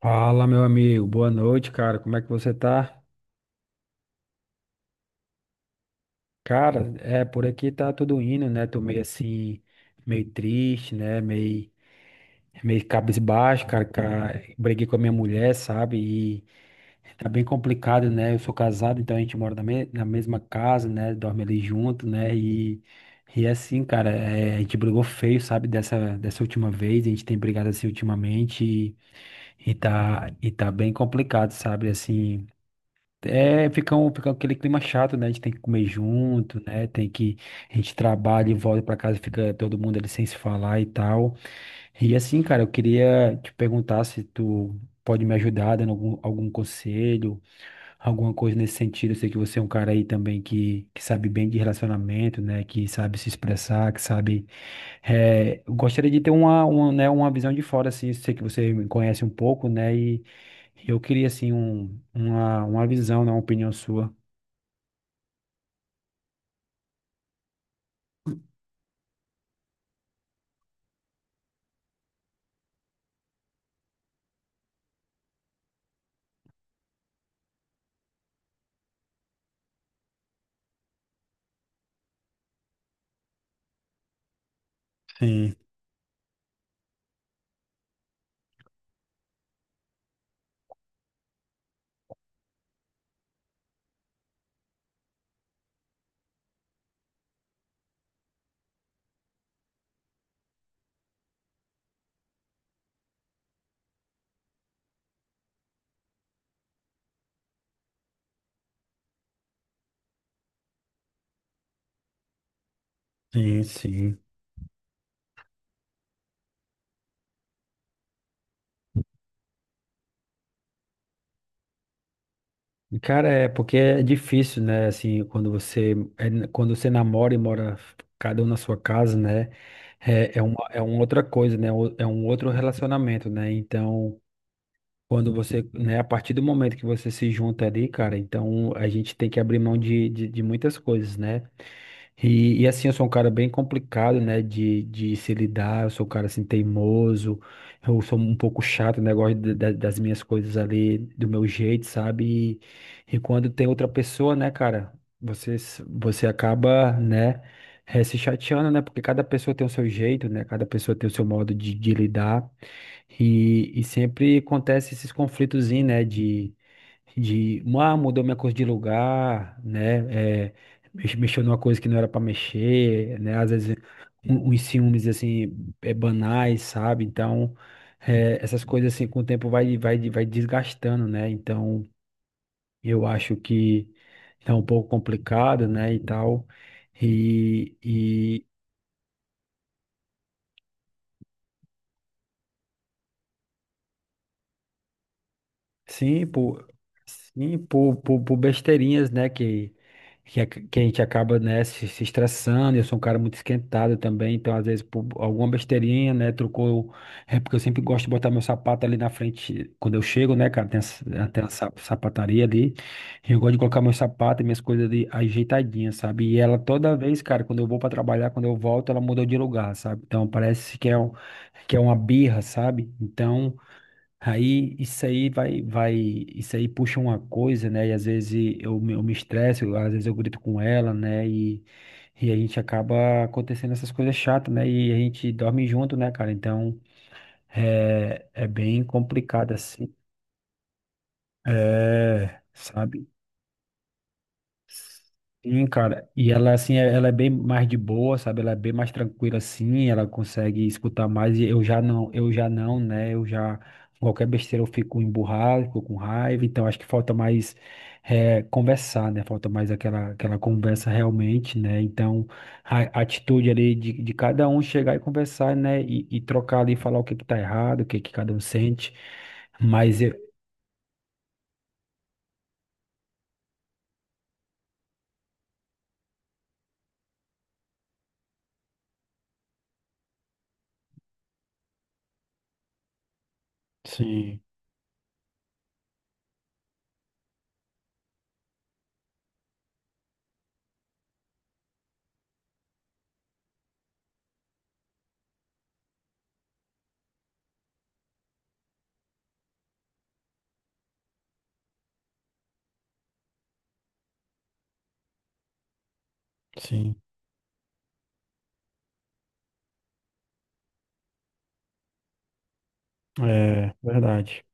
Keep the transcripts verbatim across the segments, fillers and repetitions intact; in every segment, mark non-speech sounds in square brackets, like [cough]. Fala, meu amigo. Boa noite, cara. Como é que você tá? Cara, é, por aqui tá tudo indo, né? Tô meio assim, meio triste, né? Meio, meio cabisbaixo, cara, cara. Briguei com a minha mulher, sabe? E tá bem complicado, né? Eu sou casado, então a gente mora na, me- na mesma casa, né? Dorme ali junto, né? E, e é assim, cara, é, a gente brigou feio, sabe? Dessa, dessa última vez. A gente tem brigado assim ultimamente e, e tá, e tá bem complicado, sabe? Assim. É, fica, um, fica aquele clima chato, né? A gente tem que comer junto, né? Tem que. A gente trabalha e volta pra casa, fica todo mundo ali sem se falar e tal. E assim, cara, eu queria te perguntar se tu pode me ajudar dando algum, algum conselho, alguma coisa nesse sentido. Eu sei que você é um cara aí também que, que sabe bem de relacionamento, né? Que sabe se expressar, que sabe é, eu gostaria de ter uma, uma, né, uma visão de fora, assim, sei que você me conhece um pouco, né, e eu queria, assim, um, uma, uma visão, né, uma opinião sua. Sim, sim, sim. Cara, é porque é difícil, né? Assim, quando você é, quando você namora e mora cada um na sua casa, né? É, é uma, é uma outra coisa, né? o- É um outro relacionamento, né? Então, Quando você, né, a partir do momento que você se junta ali, cara, então a gente tem que abrir mão de, de, de muitas coisas, né? E, e assim, eu sou um cara bem complicado, né, de, de se lidar, eu sou um cara assim teimoso, eu sou um pouco chato, né, gosto de- da- das minhas coisas ali do meu jeito, sabe? E, e quando tem outra pessoa, né, cara, você, s- você acaba, né, eh, se chateando, né, porque cada pessoa tem o seu jeito, né, cada pessoa tem o seu modo de de lidar. E, e sempre acontece esses conflitos, né, de, de, ah, mudou minha coisa de lugar, né, é, mex- mexeu numa coisa que não era para mexer, né, às vezes um- uns ciúmes, assim, é, banais, sabe, então, é, essas coisas, assim, com o tempo vai, vai, vai desgastando, né, então, eu acho que é um pouco complicado, né, e tal, e, sim, por, sim, por, por, por besteirinhas, né, que, que, a- que a gente acaba, né, se, se estressando, eu sou um cara muito esquentado também, então às vezes por alguma besteirinha, né, trocou, é porque eu sempre gosto de botar meu sapato ali na frente, quando eu chego, né, cara, tem até a sa- sapataria ali, e eu gosto de colocar meu sapato e minhas coisas ali ajeitadinhas, sabe, e ela toda vez, cara, quando eu vou pra trabalhar, quando eu volto, ela mudou de lugar, sabe, então parece que é, um, que é uma birra, sabe, então... Aí isso aí vai, vai, isso aí puxa uma coisa, né? E às vezes eu, me- eu me estresso, eu- às vezes eu grito com ela, né? E, e a gente acaba acontecendo essas coisas chatas, né? E a gente dorme junto, né, cara? Então é, é bem complicado assim. É, sabe? Sim, cara, e ela assim, é- ela é bem mais de boa, sabe? Ela é bem mais tranquila assim, ela consegue escutar mais. E eu já não, eu já não, né? Eu já qualquer besteira eu fico emburrado, fico com raiva. Então acho que falta mais eh, conversar, né? Falta mais aquela aquela conversa realmente, né? Então a, a atitude ali de, de cada um chegar e conversar, né? E, e trocar ali, falar o que que tá errado, o que que cada um sente. Mas eu, sim, sim. É verdade.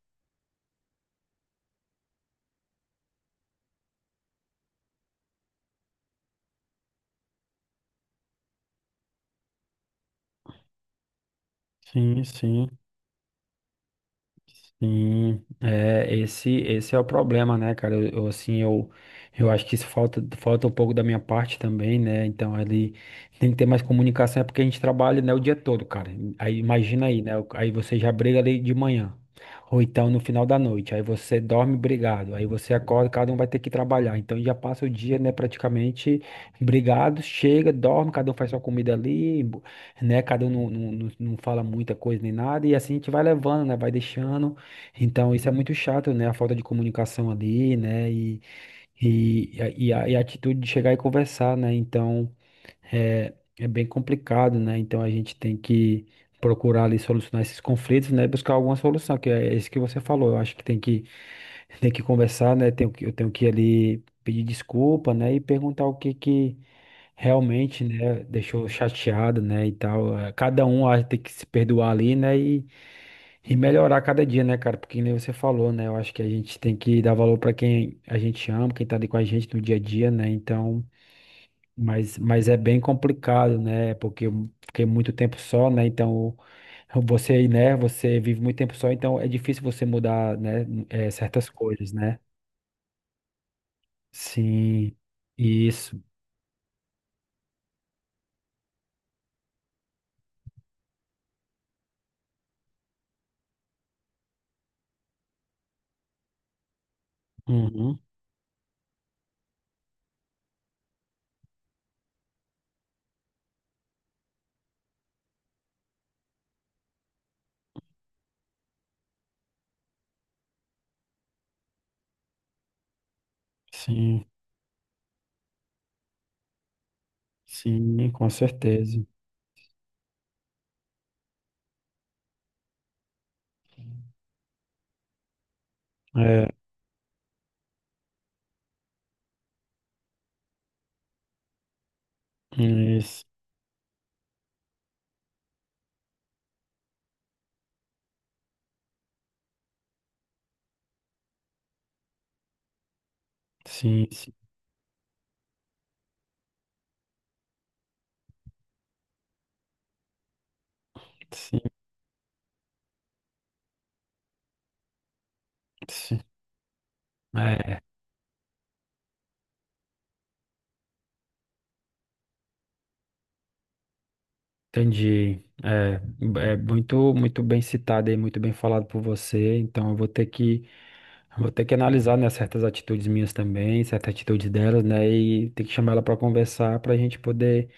Sim, sim. Sim, é, esse, esse é o problema, né, cara? Eu, eu, assim, eu, eu acho que isso falta, falta um pouco da minha parte também, né? Então, ali tem que ter mais comunicação, é porque a gente trabalha, né, o dia todo, cara. Aí, imagina aí, né? Aí você já briga ali de manhã, ou então no final da noite, aí você dorme brigado, aí você acorda, cada um vai ter que trabalhar. Então, já passa o dia, né, praticamente brigado, chega, dorme, cada um faz sua comida ali, né? Cada um não, não, não não fala muita coisa nem nada, e assim a gente vai levando, né? Vai deixando. Então, isso é muito chato, né? A falta de comunicação ali, né? E, e, e, a, e a atitude de chegar e conversar, né? Então, é, é bem complicado, né? Então, a gente tem que procurar ali solucionar esses conflitos, né? Buscar alguma solução, que é isso que você falou. Eu acho que tem que, tem que conversar, né? Tenho, que- eu tenho que ali pedir desculpa, né? E perguntar o que que realmente, né? Deixou chateado, né? E tal. Eh, cada um ah, tem que se perdoar ali, né? E melhorar cada dia, né, cara? Porque nem você falou, né? Eu acho que a gente tem que dar valor pra quem a gente ama, quem tá ali com a gente no dia a dia, né? Então, mas, mas é bem complicado, né? Porque eu fiquei muito tempo só, né? Então, você, né? Você vive muito tempo só, então é difícil você mudar, né? Eh, certas coisas, né? Sim, isso. Uhum. Sim, sim, com certeza. É, isso. Sim, sim, sim, sim. É. Entendi. É, é muito, muito bem citado e muito bem falado por você. Então, eu vou ter que, vou ter que analisar, né, certas atitudes minhas também, certas atitudes delas, né, e ter que chamar ela para conversar para a gente poder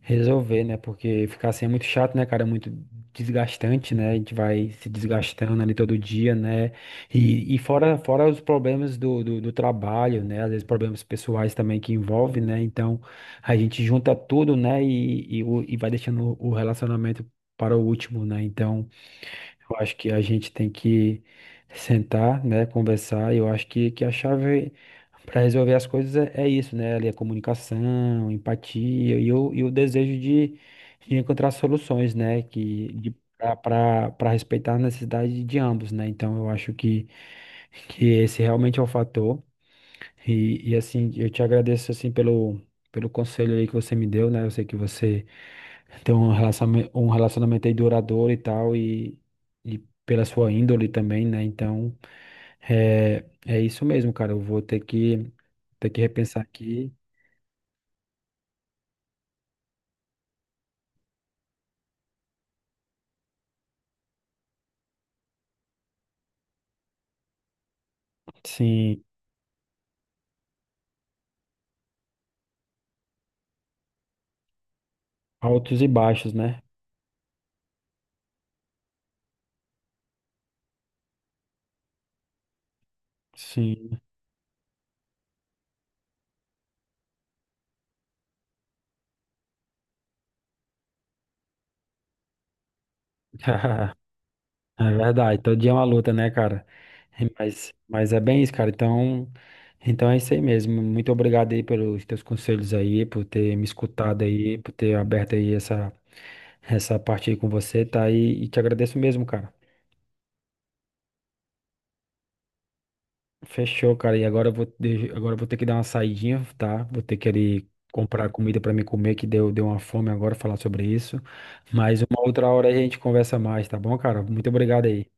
resolver, né? Porque ficar assim é muito chato, né, cara? É muito desgastante, né? A gente vai se desgastando ali todo dia, né? E, e fora, fora os problemas do, do, do trabalho, né? Às vezes problemas pessoais também que envolvem, né? Então a gente junta tudo, né? E, e, o- e vai deixando o o relacionamento para o último, né? Então. Eu acho que a gente tem que sentar, né, conversar. E eu acho que, que a chave para resolver as coisas é, é isso, né? Ali a comunicação, empatia e o, e o desejo de, de encontrar soluções, né? Que para respeitar a necessidade de ambos, né? Então eu acho que, que esse realmente é o fator. E, e assim, eu te agradeço assim pelo, pelo conselho aí que você me deu, né? Eu sei que você ter um relacionamento, um relacionamento aí duradouro e tal, e, e pela sua índole também, né? Então, é, é isso mesmo, cara. Eu vou ter que, ter que repensar aqui, sim, altos e baixos, né? Sim. [laughs] É verdade, todo dia é uma luta, né, cara? Mas, mas é bem isso, cara. Então, então é isso aí mesmo. Muito obrigado aí pelos teus conselhos aí, por ter me escutado aí, por ter aberto aí essa, essa parte aí com você, tá? E, e te agradeço mesmo, cara. Fechou, cara. E agora eu vou, de- agora eu vou ter que dar uma saidinha, tá? Vou ter que ali comprar comida pra me comer, que deu, deu uma fome agora falar sobre isso. Mas uma outra hora a gente conversa mais, tá bom, cara? Muito obrigado aí.